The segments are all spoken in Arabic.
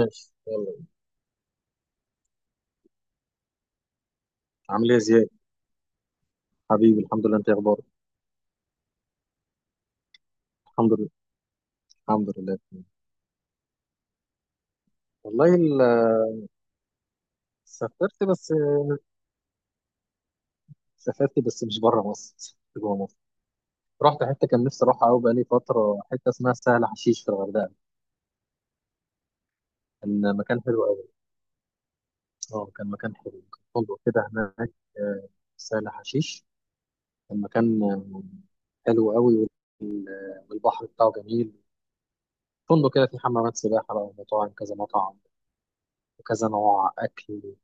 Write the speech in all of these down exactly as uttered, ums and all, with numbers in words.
ماشي يلا. عامل ايه يا زياد؟ حبيبي الحمد لله، انت إيه اخبارك؟ الحمد لله. الحمد لله. والله ال- سافرت بس. سافرت بس مش بره مصر، سافرت جوه مصر. رحت حته كان نفسي اروحها قوي بقالي فتره، حته اسمها سهل حشيش في الغردقه. كان مكان حلو قوي. اه كان مكان حلو، كان فندق كده هناك. آه، في سهل حشيش. كان مكان آه، حلو قوي وال- آه، والبحر بتاعه جميل. فندق كده فيه حمامات سباحه بقى ومطاعم، كذا مطعم وكذا نوع اكل.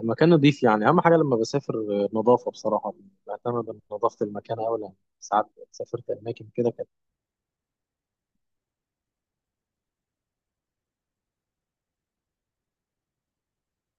المكان نظيف، يعني اهم حاجه لما بسافر آه، نظافه بصراحه. بهتم بنظافه المكان أوي لأن ساعات سافرت اماكن كده كانت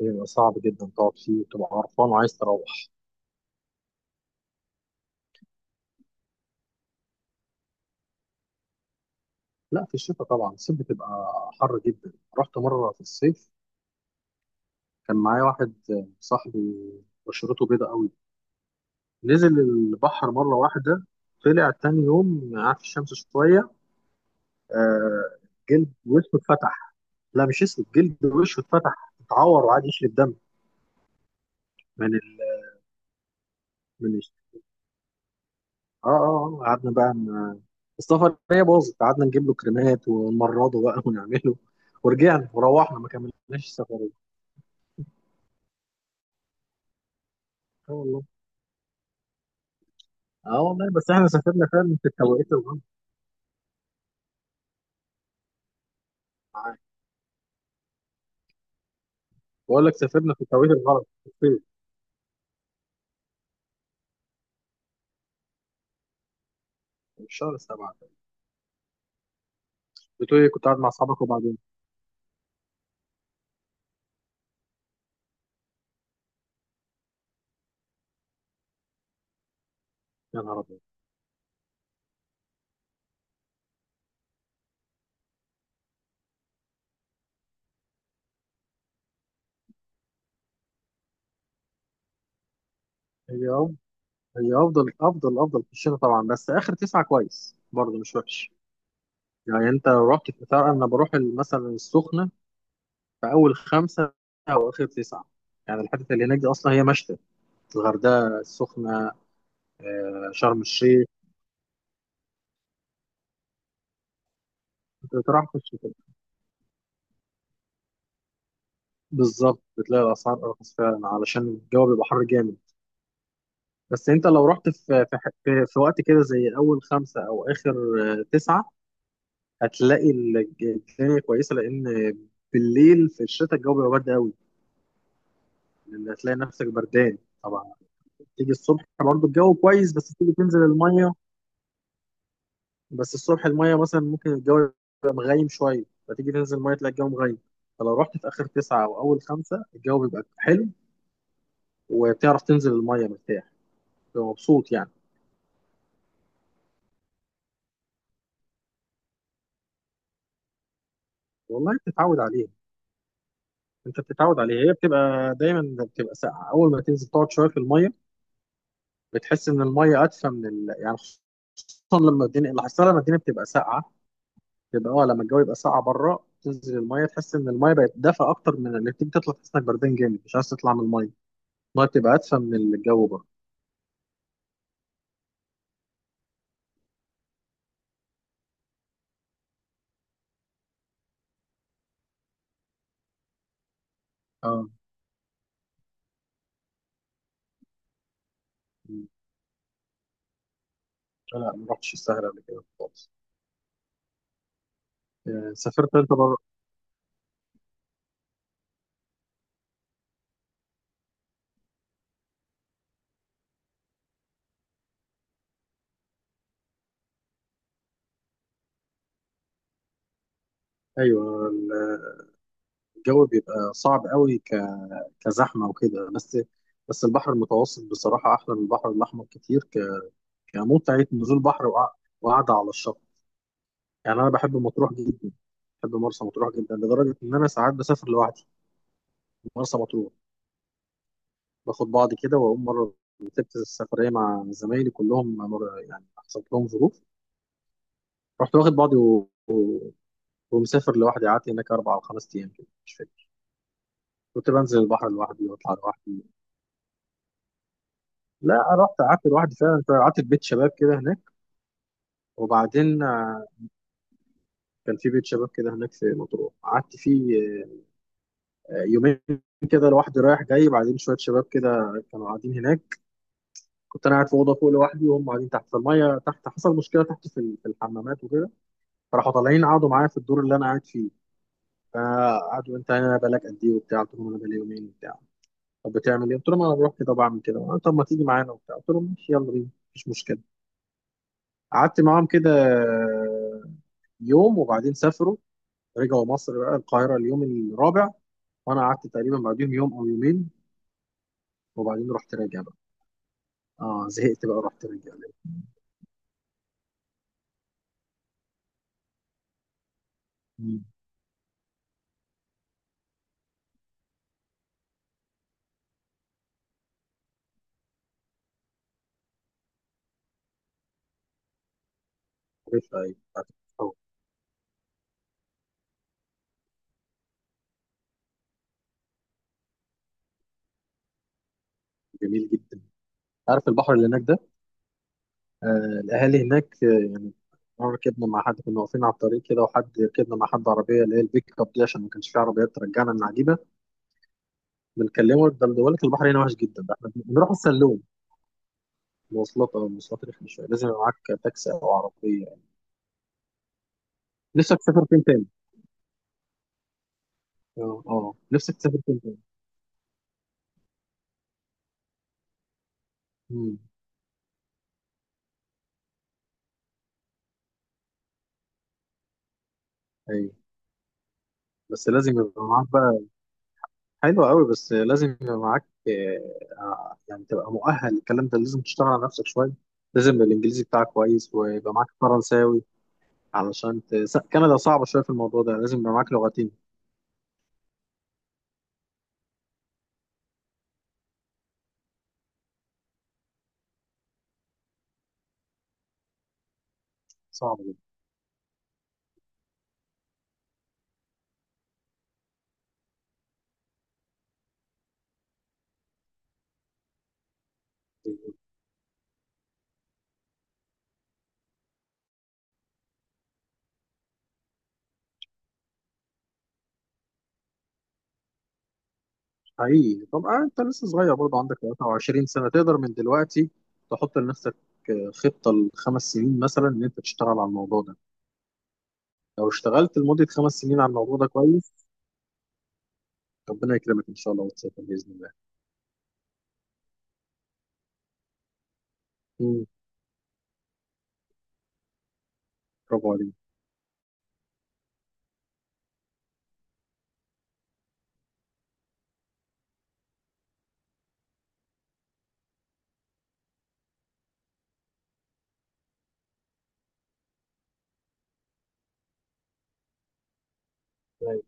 بيبقى صعب جدا تقعد فيه وتبقى قرفان وعايز تروح. لا، في الشتاء طبعا، الصيف بتبقى حر جدا. رحت مره في الصيف، كان معايا واحد آه، صاحبي بشرته بيضاء قوي. نزل البحر مره واحده، طلع تاني يوم قعد في الشمس شويه. آه. جلد وشه اتفتح. لا مش اسود، جلد وشه اتفتح، اتعور وقعد يشرب دم. من ال... من اه اه آه، قعدنا بقى ن- السفر هي باظت، قعدنا نجيب له كريمات ونمرضه بقى ونعمله ورجعنا وروحنا ما كملناش السفرية. اه والله. اه والله بس احنا سافرنا فعلا في التوقيت الغلط. معاك. بقول لك سافرنا في التوقيت الغلط في الصيف، في الشهر سبعة. بتقول لي كنت قاعد مع اصحابك وبعدين؟ يا نهار ابيض. هي أف- هي افضل افضل افضل في الشتاء طبعا، بس اخر تسعة كويس برضه مش وحش. يعني انت رحت في، تعرف انا بروح ال- مثلا السخنة في اول خمسة او اخر تسعة. يعني الحتت اللي هناك دي اصلا هي مشتى، الغردقه السخنه. آه، شرم الشيخ. انت بتروح في الشتاء بالظبط، بتلاقي الاسعار ارخص فعلا علشان الجو بيبقى حر جامد. بس انت لو رحت في في, ح- في في وقت كده زي اول خمسه او اخر آه، تسعه، هتلاقي الج- الدنيا كويسه لان بالليل في الشتاء الجو بيبقى برد قوي، لان هتلاقي نفسك بردان. طبعا. تيجي الصبح برضه الجو كويس، بس تيجي تنزل الميه. بس الصبح المية مثلا ممكن الجو يبقى مغيم شوية، فتيجي تنزل المية تلاقي الجو مغيم. فلو رحت في آخر تسعة أو أول خمسة الجو بيبقى حلو وبتعرف تنزل المية مرتاح، بتبقى مبسوط يعني. والله بتتعود عليها. أنت بتتعود عليها، هي بتبقى دايما بتبقى ساقعة، أول ما تنزل تقعد شوية في المية بتحس إن المية أدفى من ال... يعني خصوصا لما الدنيا اللي حصل لما الدنيا بتبقى ساقعة، بتبقى اه لما الجو يبقى ساقعة بره تنزل المية تحس إن المية بقت دافئة أكتر، من اللي بتيجي تطلع تحس إنك بردان جامد مش عايز تطلع من المية، المية بتبقى أدفى من الجو بره. اه. مم. لا ما رحتش الساحل قبل كده خالص. آه، سافرت انت بره. ايوه ال- الجو بيبقى صعب قوي ك... كزحمه وكده. بس بس البحر المتوسط بصراحه احلى من البحر الاحمر كتير، ك... كمتعه نزول بحر وقع- وقعده على الشط. يعني انا بحب مطروح جدا، بحب مرسى مطروح جدا لدرجه ان انا ساعات بسافر لوحدي مرسى مطروح. باخد بعضي كده واقوم. مره رتبت السفريه مع زمايلي كلهم مر... يعني حصلت لهم ظروف، رحت واخد بعضي ومسافر لوحدي. قعدت هناك اربع او خمس ايام كده مش فاكر. كنت بنزل البحر لوحدي واطلع لوحدي. لا رحت قعدت لوحدي فعلا، قعدت في بيت شباب كده هناك. وبعدين آه، كان في بيت شباب كده هناك في مطروح قعدت فيه آه، يومين كده لوحدي رايح جاي. بعدين شويه شباب كده كانوا قاعدين هناك. كنت انا قاعد في اوضه فوق لوحدي، وهم قاعدين تحت في الميه تحت، حصل مشكله تحت في ال- في الحمامات وكده. فراحوا طالعين قعدوا معايا في الدور اللي انا قاعد فيه. فقعدوا انت هنا بقالك قد ايه وبتاع؟ قلت لهم انا بقالي يومين وبتاع. طب بتعمل ايه؟ قلت لهم انا بروح كده بعمل كده. قالوا طب ما تيجي معانا وبتاع؟ قلت لهم ماشي يلا بينا مفيش مشكله. قعدت معاهم كده يوم، وبعدين سافروا رجعوا مصر بقى القاهره اليوم الرابع، وانا قعدت تقريبا بعدهم يوم او يومين وبعدين رحت راجع بقى. اه زهقت بقى رحت راجع. مم. عارف، أيوة، عارف. أوه. جميل جدا. عارف البحر اللي هناك ده؟ آه الاهالي هناك، آه يعني مرة ركبنا مع حد، كنا واقفين على الطريق كده، وحد ركبنا مع حد عربيه اللي هي البيك اب دي، عشان ما كانش في عربيات ترجعنا من عجيبه. بنكلمه ده بيقول لك البحر هنا وحش جدا، ده احنا بنروح السلوم. مواصلات او مواصلات رخمه شويه، لازم يبقى معاك تاكسي او عربيه يعني. نفسك تسافر فين تاني؟ اه اه نفسك تسافر فين تاني؟ امم. ايوه. بس لازم يبقى معاك بقى. حلو قوي بس لازم يبقى معاك آه، آه، يعني تبقى مؤهل، الكلام ده لازم تشتغل على نفسك شويه، لازم الانجليزي بتاعك كويس ويبقى معاك فرنساوي علشان ت... س- كندا صعبه شويه في الموضوع ده، لازم يبقى معاك لغتين. صعبه جدا حقيقي. طب آه، انت لسه صغير برضه، عندك ثلاثة وعشرين سنة تقدر من دلوقتي تحط لنفسك آه، خطة لخمس سنين مثلا ان انت تشتغل على الموضوع ده. لو اشتغلت لمدة خمس سنين على الموضوع ده كويس، ربنا يكرمك ان شاء الله وتسافر بإذن الله. مم. برافو عليك. طيب.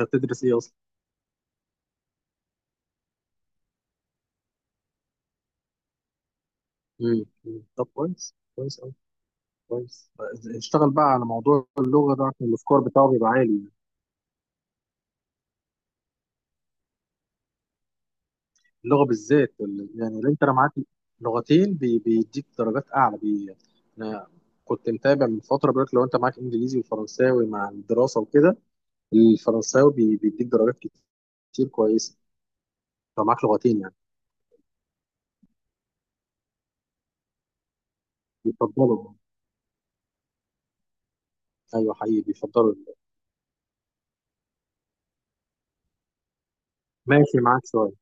انت هتدرس ايه اصلا؟ مم. مم. طب كويس، كويس قوي. كويس، اشتغل بقى على موضوع اللغة ده عشان السكور بتاعه بيبقى عالي. اللغه بالذات ال- يعني اللي انت لو معاك لغتين بي- بيديك درجات اعلى بي... انا كنت متابع من فتره بيقول لك لو انت معاك انجليزي وفرنساوي مع الدراسه وكده الفرنساوي بي... بيديك درجات كتير كويسه. لو معاك لغتين يعني بيفضلوا. ايوه حقيقي بيفضلوا. ماشي معاك شويه.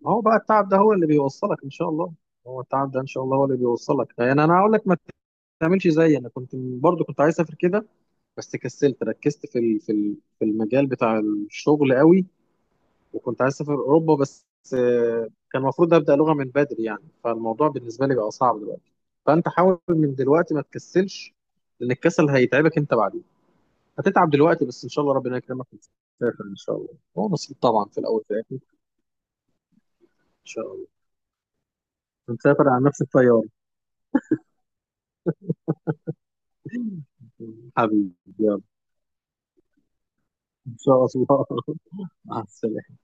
ما هو بقى التعب ده هو اللي بيوصلك ان شاء الله. هو التعب ده ان شاء الله هو اللي بيوصلك. يعني انا هقول لك ما تعملش زيي، انا كنت برضو كنت عايز اسافر كده بس كسلت، ركزت في ال- في ال- في المجال بتاع الشغل قوي، وكنت عايز اسافر اوروبا بس آه، كان المفروض ابدا لغه من بدري يعني، فالموضوع بالنسبه لي بقى صعب دلوقتي. فانت حاول من دلوقتي ما تكسلش لان الكسل هيتعبك انت بعدين. هتتعب دلوقتي بس ان شاء الله ربنا يكرمك وتسافر ان شاء الله، هو نصيب طبعا في الاول في الاخر ان شاء الله. نسافر على نفس الطياره. حبيبي يلا، ان شاء الله مع السلامه.